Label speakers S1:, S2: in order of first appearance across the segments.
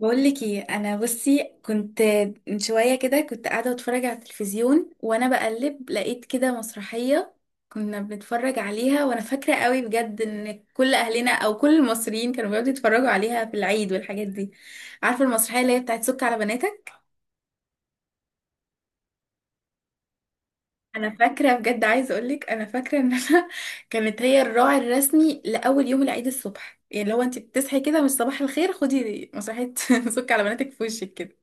S1: بقول لك ايه، انا بصي كنت من شويه كده كنت قاعده بتفرج على التلفزيون، وانا بقلب لقيت كده مسرحيه كنا بنتفرج عليها. وانا فاكره قوي بجد ان كل اهلنا او كل المصريين كانوا بيقعدوا يتفرجوا عليها في العيد والحاجات دي. عارفه المسرحيه اللي هي بتاعت سك على بناتك؟ انا فاكره بجد، عايزه اقول لك انا فاكره ان انا كانت هي الراعي الرسمي لاول يوم العيد الصبح، يعني لو انت بتصحي كده مش صباح الخير، خدي مسرحيه سك على بناتك في وشك كده.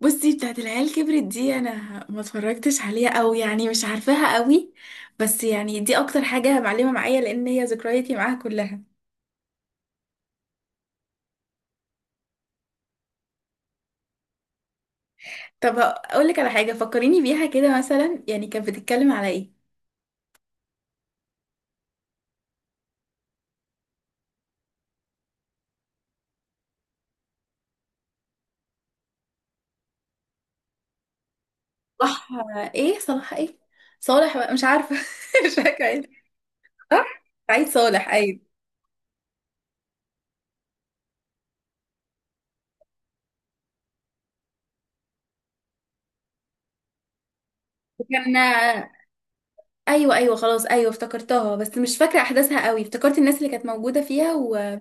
S1: بصي بتاعت العيال كبرت دي انا ما اتفرجتش عليها، او يعني مش عارفاها قوي. بس يعني دي اكتر حاجة معلمة معايا لان هي ذكرياتي معاها كلها. طب اقول لك على حاجة فكريني بيها كده، مثلا يعني كانت بتتكلم على ايه؟ صح. ايه صلاح ايه، صالح بقى مش عارفة. مش فاكرة ايه. صح، سعيد صالح، ايوه. كان ايوه ايوه، خلاص ايوه افتكرتها، بس مش فاكرة احداثها قوي، افتكرت الناس اللي كانت موجودة فيها و...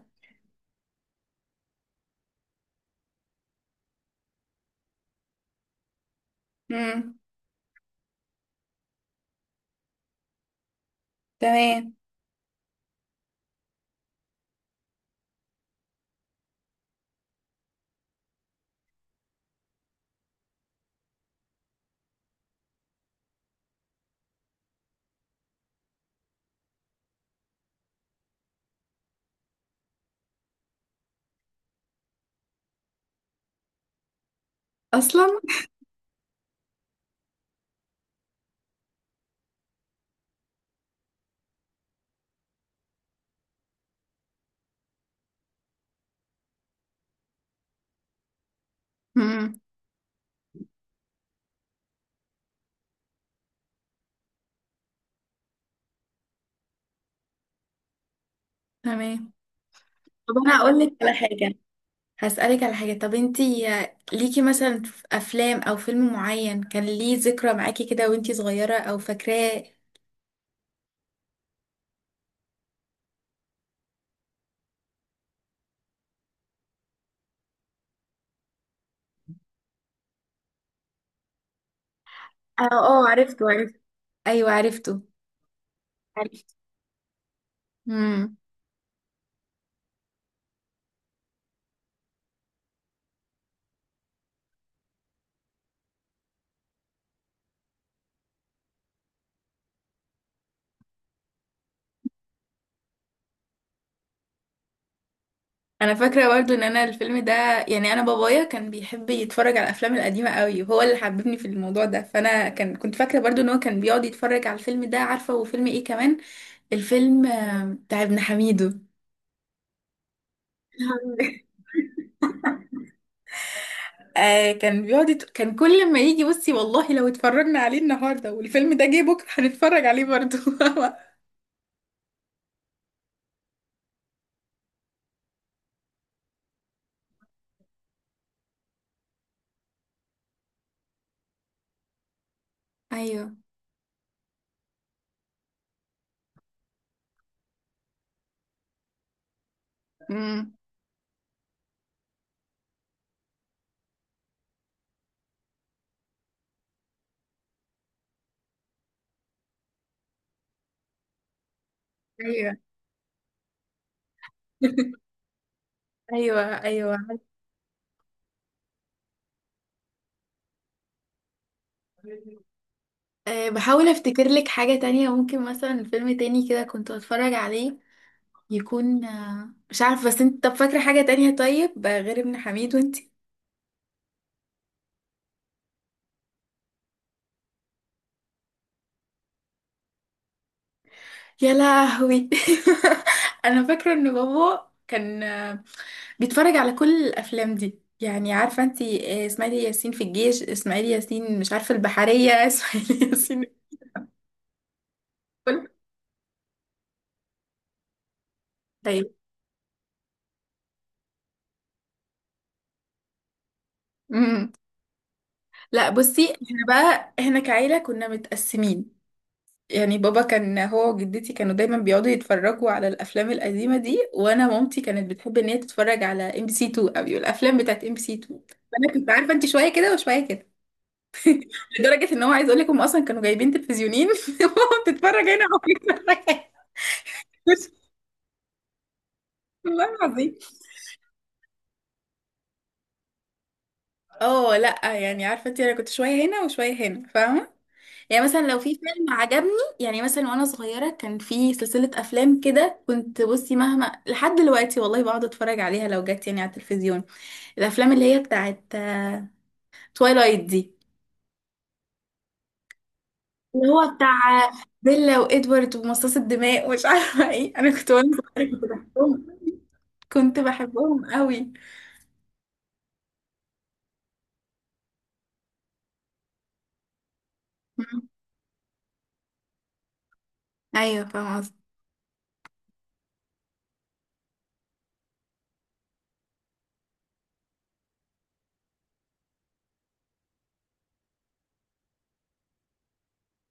S1: مم. تمام. اصلا. مم. تمام. طب انا هقول لك على حاجه، هسألك على حاجه. طب انتي ليكي مثلا في افلام او فيلم معين كان ليه ذكرى معاكي كده وانتي صغيره او فاكراه؟ اه، عرفته عرفته. ايوه عرفته. عرفته. امم. انا فاكره برضو ان انا الفيلم ده، يعني انا بابايا كان بيحب يتفرج على الافلام القديمه قوي وهو اللي حببني في الموضوع ده، فانا كان كنت فاكره برضو ان هو كان بيقعد يتفرج على الفيلم ده عارفه. وفيلم ايه كمان؟ الفيلم بتاع ابن حميدو. آه، كان كان كل ما يجي، بصي والله لو اتفرجنا عليه النهارده والفيلم ده جه بكره هنتفرج عليه برضه. ايوه. امم. ايوه ايوه ايوه. أه بحاول افتكر لك حاجة تانية، ممكن مثلا فيلم تاني كده كنت اتفرج عليه، يكون مش عارف، بس انت طب فاكرة حاجة تانية طيب، غير ابن حميد وانتي؟ يا لهوي. انا فاكرة ان بابا كان بيتفرج على كل الافلام دي، يعني عارفه انت، اسماعيل ياسين في الجيش، اسماعيل ياسين مش عارفه البحريه اسماعيل ياسين. كل. طيب. امم. لا بصي، احنا بقى احنا كعيله كنا متقسمين. يعني بابا كان هو وجدتي كانوا دايما بيقعدوا يتفرجوا على الافلام القديمه دي، وانا مامتي كانت بتحب ان هي تتفرج على ام بي سي 2 قوي، الافلام بتاعت ام بي سي 2. فانا كنت عارفه انت شويه كده وشويه كده. لدرجه ان هو، عايز اقول لك هم اصلا كانوا جايبين تلفزيونين ماما بتتفرج هنا وبتتفرج هنا. والله العظيم. اه لا، يعني عارفه انت انا كنت شويه هنا وشويه هنا فاهمه. يعني مثلا لو في فيلم عجبني، يعني مثلا وانا صغيره كان في سلسله افلام كده، كنت بصي مهما لحد دلوقتي والله بقعد اتفرج عليها لو جت يعني على التلفزيون، الافلام اللي هي بتاعت توايلايت دي، اللي هو بتاع بيلا وادوارد ومصاص الدماء ومش عارفه ايه. انا كنت وانا صغيره كنت بحبهم، كنت بحبهم قوي. مم. ايوه فاهمه قصدي.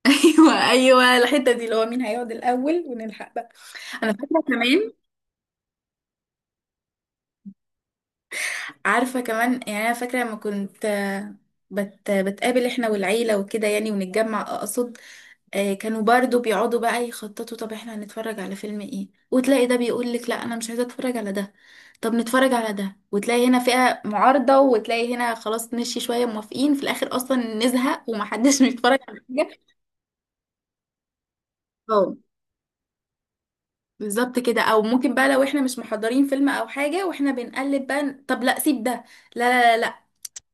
S1: ايوه ايوه، الحته دي اللي هو مين هيقعد الاول ونلحق بقى. انا فاكره كمان، عارفة كمان، يعني أنا فاكرة لما كنت بتقابل احنا والعيلة وكده يعني ونتجمع أقصد، كانوا برضو بيقعدوا بقى يخططوا طب احنا هنتفرج على فيلم ايه، وتلاقي ده بيقولك لا أنا مش عايزة أتفرج على ده، طب نتفرج على ده، وتلاقي هنا فئة معارضة وتلاقي هنا خلاص مشي شوية موافقين، في الآخر أصلا نزهق ومحدش بيتفرج على حاجة. اه بالظبط كده، او ممكن بقى لو احنا مش محضرين فيلم او حاجه واحنا بنقلب بقى، طب لا سيب ده، لا لا لا لا،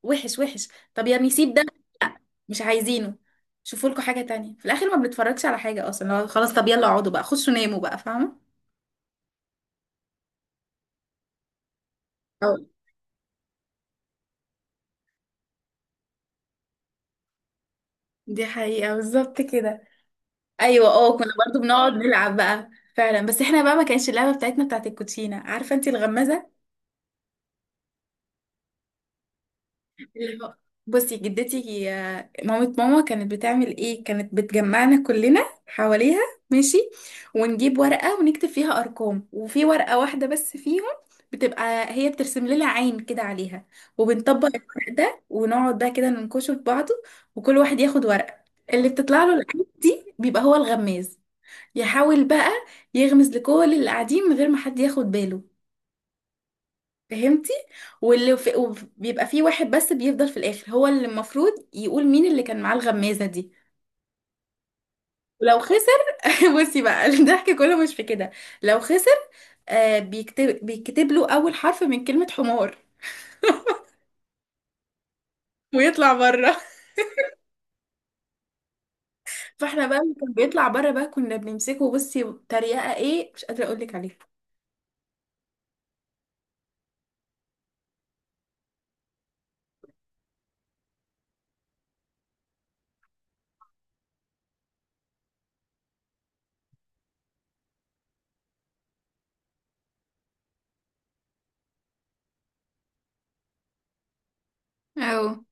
S1: وحش وحش، طب يا نسيب ده، لا مش عايزينه، شوفوا لكم حاجة تانية. في الآخر ما بنتفرجش على حاجة أصلا، لو خلاص طب يلا اقعدوا بقى خشوا ناموا بقى فاهمة. أو. دي حقيقة بالظبط كده. أيوة اه كنا برضو بنقعد نلعب بقى، فعلا، بس احنا بقى ما كانش اللعبة بتاعتنا بتاعت الكوتشينة، عارفة انتي الغمازة؟ اللي هو، بصي جدتي مامة ماما كانت بتعمل ايه، كانت بتجمعنا كلنا حواليها، ماشي، ونجيب ورقة ونكتب فيها أرقام، وفي ورقة واحدة بس فيهم بتبقى هي بترسم لنا عين كده عليها، وبنطبق الورق ده ونقعد بقى كده ننكشه في بعضه، وكل واحد ياخد ورقة، اللي بتطلع له العين دي بيبقى هو الغماز، يحاول بقى يغمز لكل اللي قاعدين من غير ما حد ياخد باله، فهمتي؟ وبيبقى فيه واحد بس بيفضل في الاخر، هو اللي المفروض يقول مين اللي كان معاه الغمازة دي. ولو خسر بصي بقى الضحك كله مش في كده. لو خسر، آه بيكتب له اول حرف من كلمة حمار. ويطلع بره. فاحنا بقى اللي كان بيطلع بره بقى كنا بنمسكه، بصي تريقة ايه مش قادرة اقول لك عليها. أو.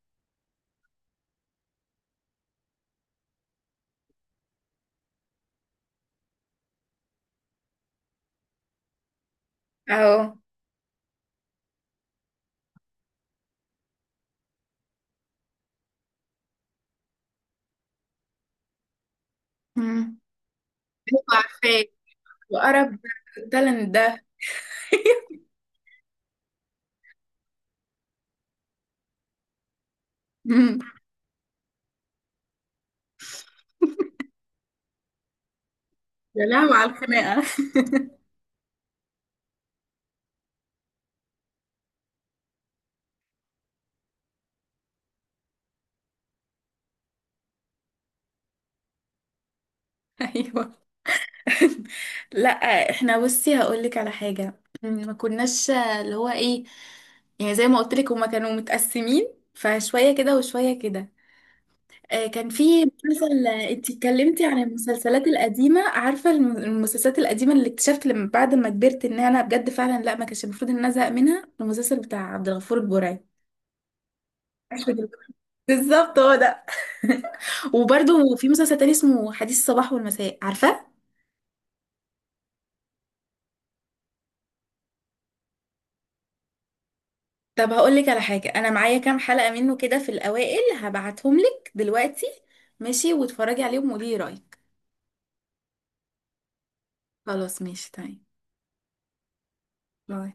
S1: اهو. مم. ايوه عارفاه، وقرب التالنت ده. مم. يا لهوي على الخناقة. ايوه. لا احنا بصي هقول لك على حاجه، يعني ما كناش اللي هو ايه، يعني زي ما قلت لك هما كانوا متقسمين، فشويه كده وشويه كده. كان في مسلسل انت اتكلمتي عن المسلسلات القديمه، عارفه المسلسلات القديمه اللي اكتشفت لما بعد ما كبرت ان انا بجد فعلا لا ما كانش المفروض ان انا ازهق منها، المسلسل بتاع عبد الغفور البرعي. عارفة دي؟ بالظبط هو ده. وبرده في مسلسل تاني اسمه حديث الصباح والمساء، عارفه؟ طب هقول لك على حاجة، أنا معايا كام حلقة منه كده في الأوائل، هبعتهم لك دلوقتي. ماشي واتفرجي عليهم وقولي رأيك. خلاص ماشي تمام. باي.